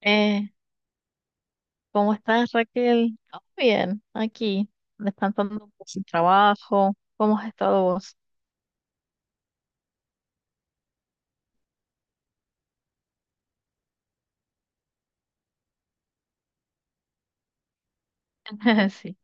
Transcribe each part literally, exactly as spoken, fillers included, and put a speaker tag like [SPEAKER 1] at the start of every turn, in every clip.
[SPEAKER 1] Eh, ¿Cómo estás, Raquel? Oh, bien, aquí, descansando por el trabajo. ¿Cómo has estado vos? Sí,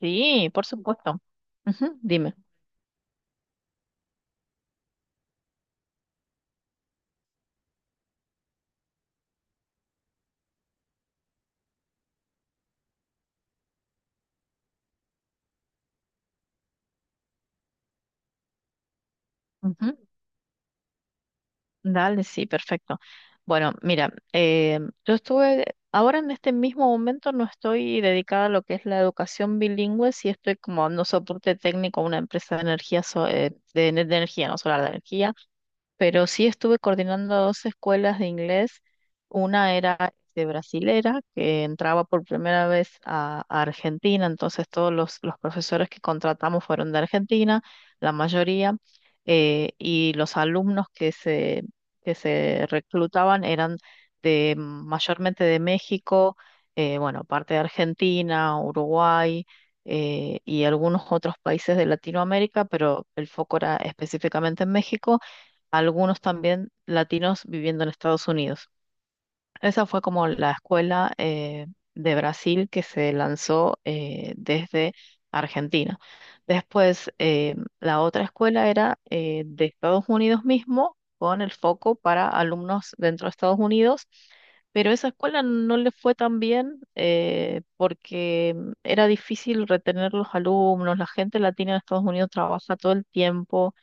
[SPEAKER 1] sí, por supuesto. Ujú, dime. Ujú. Dale, sí, perfecto. Bueno, mira, eh, yo estuve, ahora en este mismo momento no estoy dedicada a lo que es la educación bilingüe, sí estoy como dando soporte técnico a una empresa de energía, so- eh, de, ener- de energía, no solar, de energía, pero sí estuve coordinando dos escuelas de inglés. Una era de brasilera, que entraba por primera vez a, a Argentina, entonces todos los, los profesores que contratamos fueron de Argentina, la mayoría, eh, y los alumnos que se, que se reclutaban eran de mayormente de México, eh, bueno, parte de Argentina, Uruguay. Eh, y algunos otros países de Latinoamérica, pero el foco era específicamente en México, algunos también latinos viviendo en Estados Unidos. Esa fue como la escuela eh, de Brasil que se lanzó eh, desde Argentina. Después, eh, la otra escuela era eh, de Estados Unidos mismo, con el foco para alumnos dentro de Estados Unidos, pero esa escuela no le fue tan bien eh, porque mm, era difícil retener los alumnos, la gente latina en Estados Unidos trabaja todo el tiempo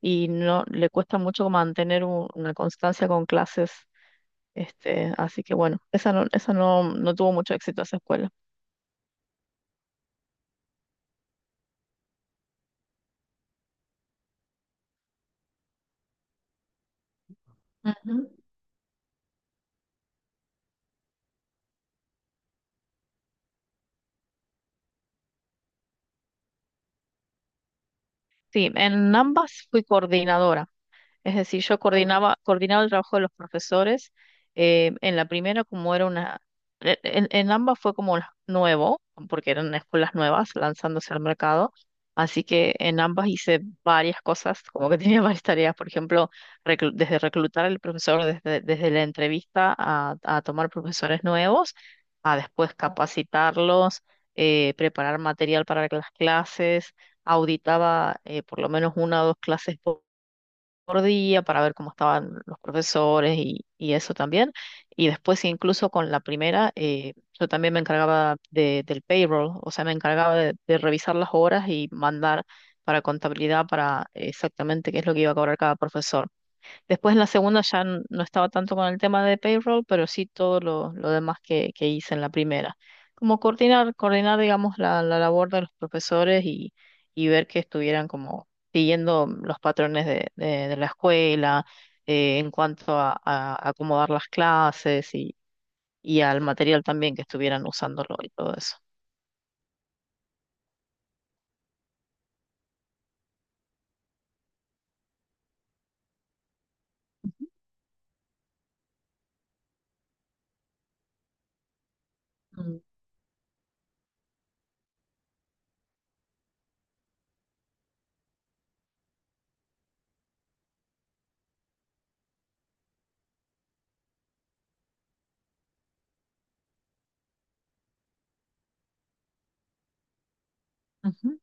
[SPEAKER 1] y no le cuesta mucho mantener u- una constancia con clases. Este, así que bueno, esa no, esa no, no tuvo mucho éxito esa escuela. Ujú. Sí, en ambas fui coordinadora. Es decir, yo coordinaba, coordinaba el trabajo de los profesores. Eh, en la primera, como era una, e- en, en ambas fue como la- nuevo, porque eran escuelas nuevas lanzándose al mercado. Así que en ambas hice varias cosas, como que tenía varias tareas, por ejemplo, reclu- desde reclutar al profesor, desde, desde la entrevista a, a tomar profesores nuevos, a después capacitarlos, eh, preparar material para las clases, auditaba eh, por lo menos una o dos clases por día para ver cómo estaban los profesores y, y eso también. Y después sí, incluso con la primera, eh, yo también me encargaba de, del payroll, o sea, me encargaba de, de revisar las horas y mandar para contabilidad para exactamente qué es lo que iba a cobrar cada profesor. Después en la segunda ya n- no estaba tanto con el tema de payroll, pero sí todo lo, lo demás que, que hice en la primera. Como coordinar, coordinar, digamos, la, la labor de los profesores y, y ver que estuvieran como siguiendo los patrones de, de, de la escuela, eh, en cuanto a, a acomodar las clases y, y al material también que estuvieran usándolo y todo eso. Mm, ujú.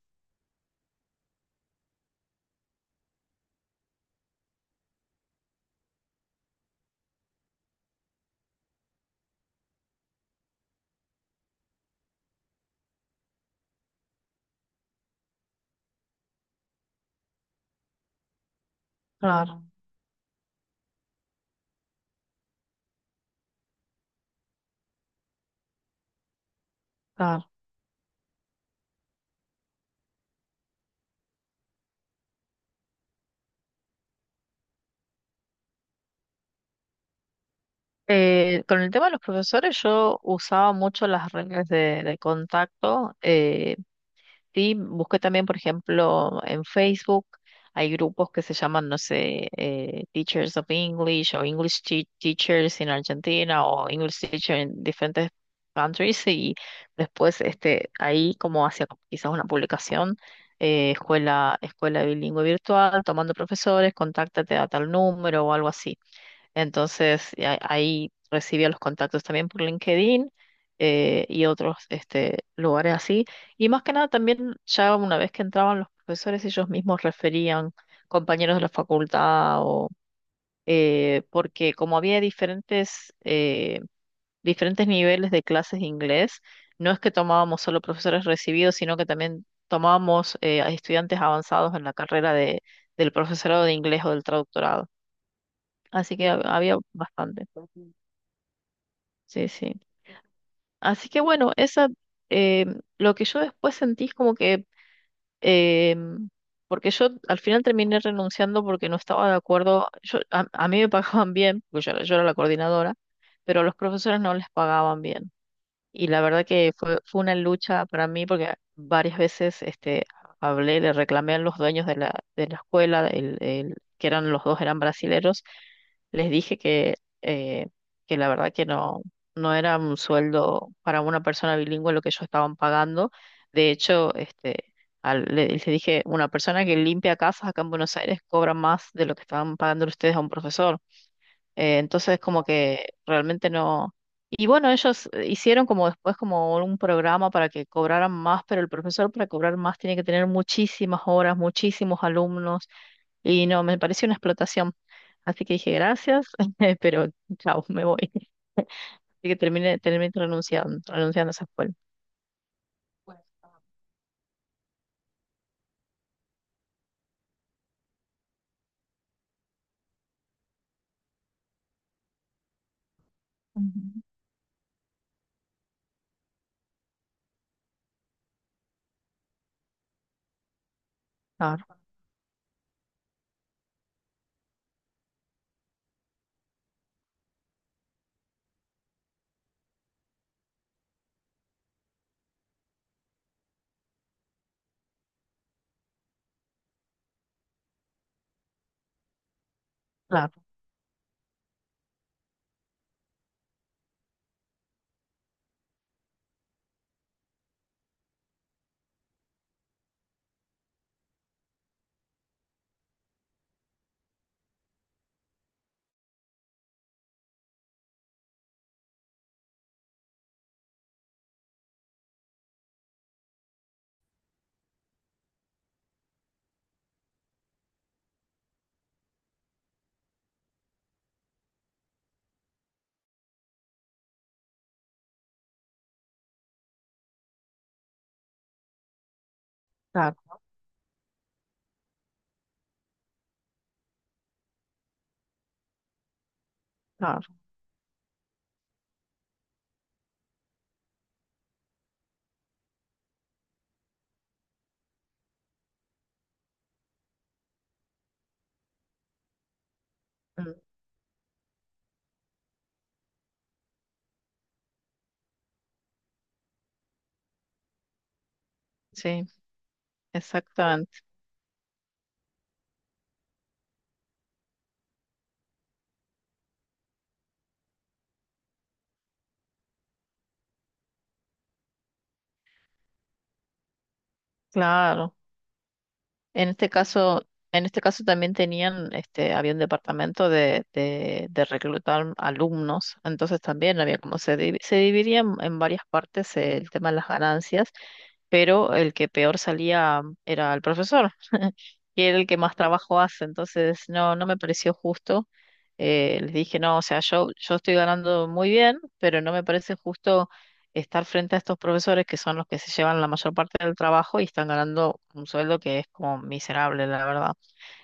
[SPEAKER 1] Claro, claro. Eh, con el tema de los profesores, yo usaba mucho las reglas de, de contacto. eh, Sí, busqué también, por ejemplo, en Facebook, hay grupos que se llaman, no sé, eh, Teachers of English o English Tea- Teachers in Argentina o English Teacher en diferentes countries. Y después este, ahí como hacia quizás una publicación, eh, escuela, escuela bilingüe virtual, tomando profesores, contáctate a tal número o algo así. Entonces, a- ahí recibía los contactos también por LinkedIn, eh, y otros este, lugares así. Y más que nada también ya una vez que entraban los profesores, ellos mismos referían compañeros de la facultad o eh, porque como había diferentes, eh, diferentes niveles de clases de inglés, no es que tomábamos solo profesores recibidos, sino que también tomábamos eh, a estudiantes avanzados en la carrera de, del profesorado de inglés o del traductorado. Así que hab- había bastante. Sí, sí. Así que bueno, esa, eh, lo que yo después sentí es como que, eh, porque yo al final terminé renunciando porque no estaba de acuerdo, yo, a, a mí me pagaban bien, porque yo, era- yo era la coordinadora, pero a los profesores no les pagaban bien. Y la verdad que fue, fue una lucha para mí porque varias veces este, hablé, le reclamé a los dueños de la, de la escuela, el, el- que eran los dos, eran brasileros, les dije que, eh, que la verdad que no, no era un sueldo para una persona bilingüe lo que ellos estaban pagando. De hecho, este, al- le- les dije, una persona que limpia casas acá en Buenos Aires cobra más de lo que estaban pagando ustedes a un profesor. Eh, entonces, como que realmente no... Y bueno, ellos eh, hicieron como después como un programa para que cobraran más, pero el profesor para cobrar más tiene que tener muchísimas horas, muchísimos alumnos, y no, me pareció una explotación. Así que dije gracias, pero chao, me voy. Así que terminé, terminé renunciando, renunciando a esa escuela. Ujú. Claro, claro, claro, claro. Mm. Sí, exactamente, claro. En este caso, en este caso también tenían, este, había un departamento de, de, de reclutar alumnos, entonces también había como se, divi- se dividía en, en varias partes el tema de las ganancias, pero el que peor salía era el profesor, que era el que más trabajo hace, entonces no, no me pareció justo. Eh, les dije, no, o sea, yo, yo estoy ganando muy bien, pero no me parece justo estar frente a estos profesores que son los que se llevan la mayor parte del trabajo y están ganando un sueldo que es como miserable, la verdad.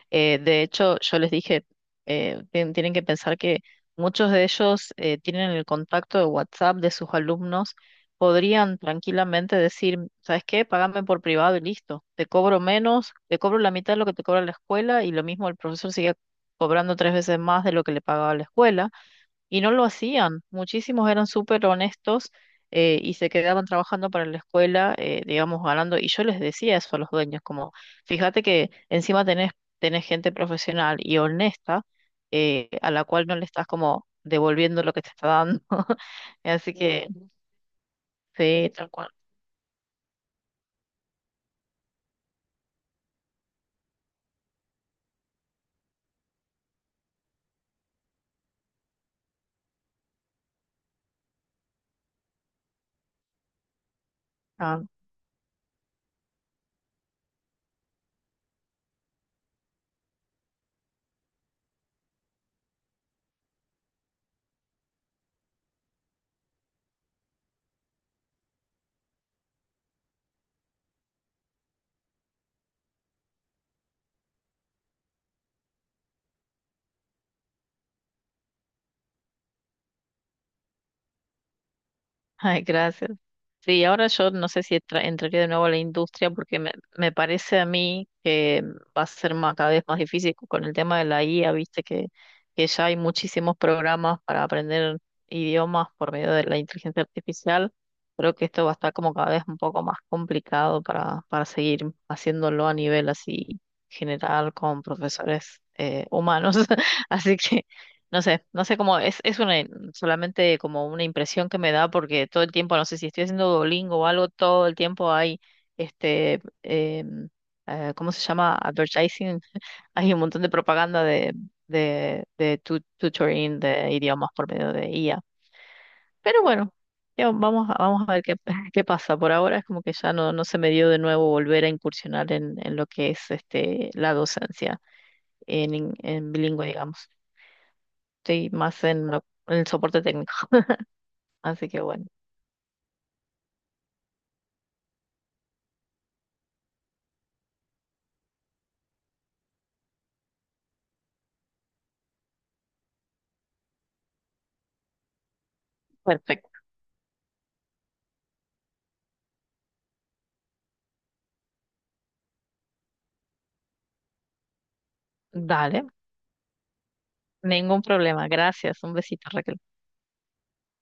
[SPEAKER 1] Eh, de hecho, yo les dije, eh, tien- tienen que pensar que muchos de ellos eh, tienen el contacto de WhatsApp de sus alumnos, podrían tranquilamente decir, ¿sabes qué? Págame por privado y listo. Te cobro menos, te cobro la mitad de lo que te cobra la escuela y lo mismo el profesor sigue cobrando tres veces más de lo que le pagaba la escuela. Y no lo hacían. Muchísimos eran súper honestos, eh, y se quedaban trabajando para la escuela, eh, digamos, ganando. Y yo les decía eso a los dueños, como, fíjate que encima tenés, tenés gente profesional y honesta, eh, a la cual no le estás como devolviendo lo que te está dando. Así que, sí, tal cual. Ah. Ay, gracias. Sí, ahora yo no sé si entra- entraría de nuevo a la industria porque me, me parece a mí que va a ser más, cada vez más difícil con el tema de la I A, viste que, que ya hay muchísimos programas para aprender idiomas por medio de la inteligencia artificial. Creo que esto va a estar como cada vez un poco más complicado para, para seguir haciéndolo a nivel así general con profesores eh, humanos. Así que no sé, no sé cómo es, es una, solamente como una impresión que me da porque todo el tiempo, no sé si estoy haciendo Duolingo o algo, todo el tiempo hay este, em, eh, ¿cómo se llama? Advertising. Hay un montón de propaganda de, de, de tu- tutoring de idiomas por medio de I A. Pero bueno, ya vamos, a- vamos a ver qué, qué pasa. Por ahora es como que ya no, no se me dio de nuevo volver a incursionar en, en lo que es este, la docencia en, in- en bilingüe, digamos. Estoy más en, lo- en el soporte técnico. Así que bueno. Perfecto. Dale, ningún problema. Gracias. Un besito, Raquel.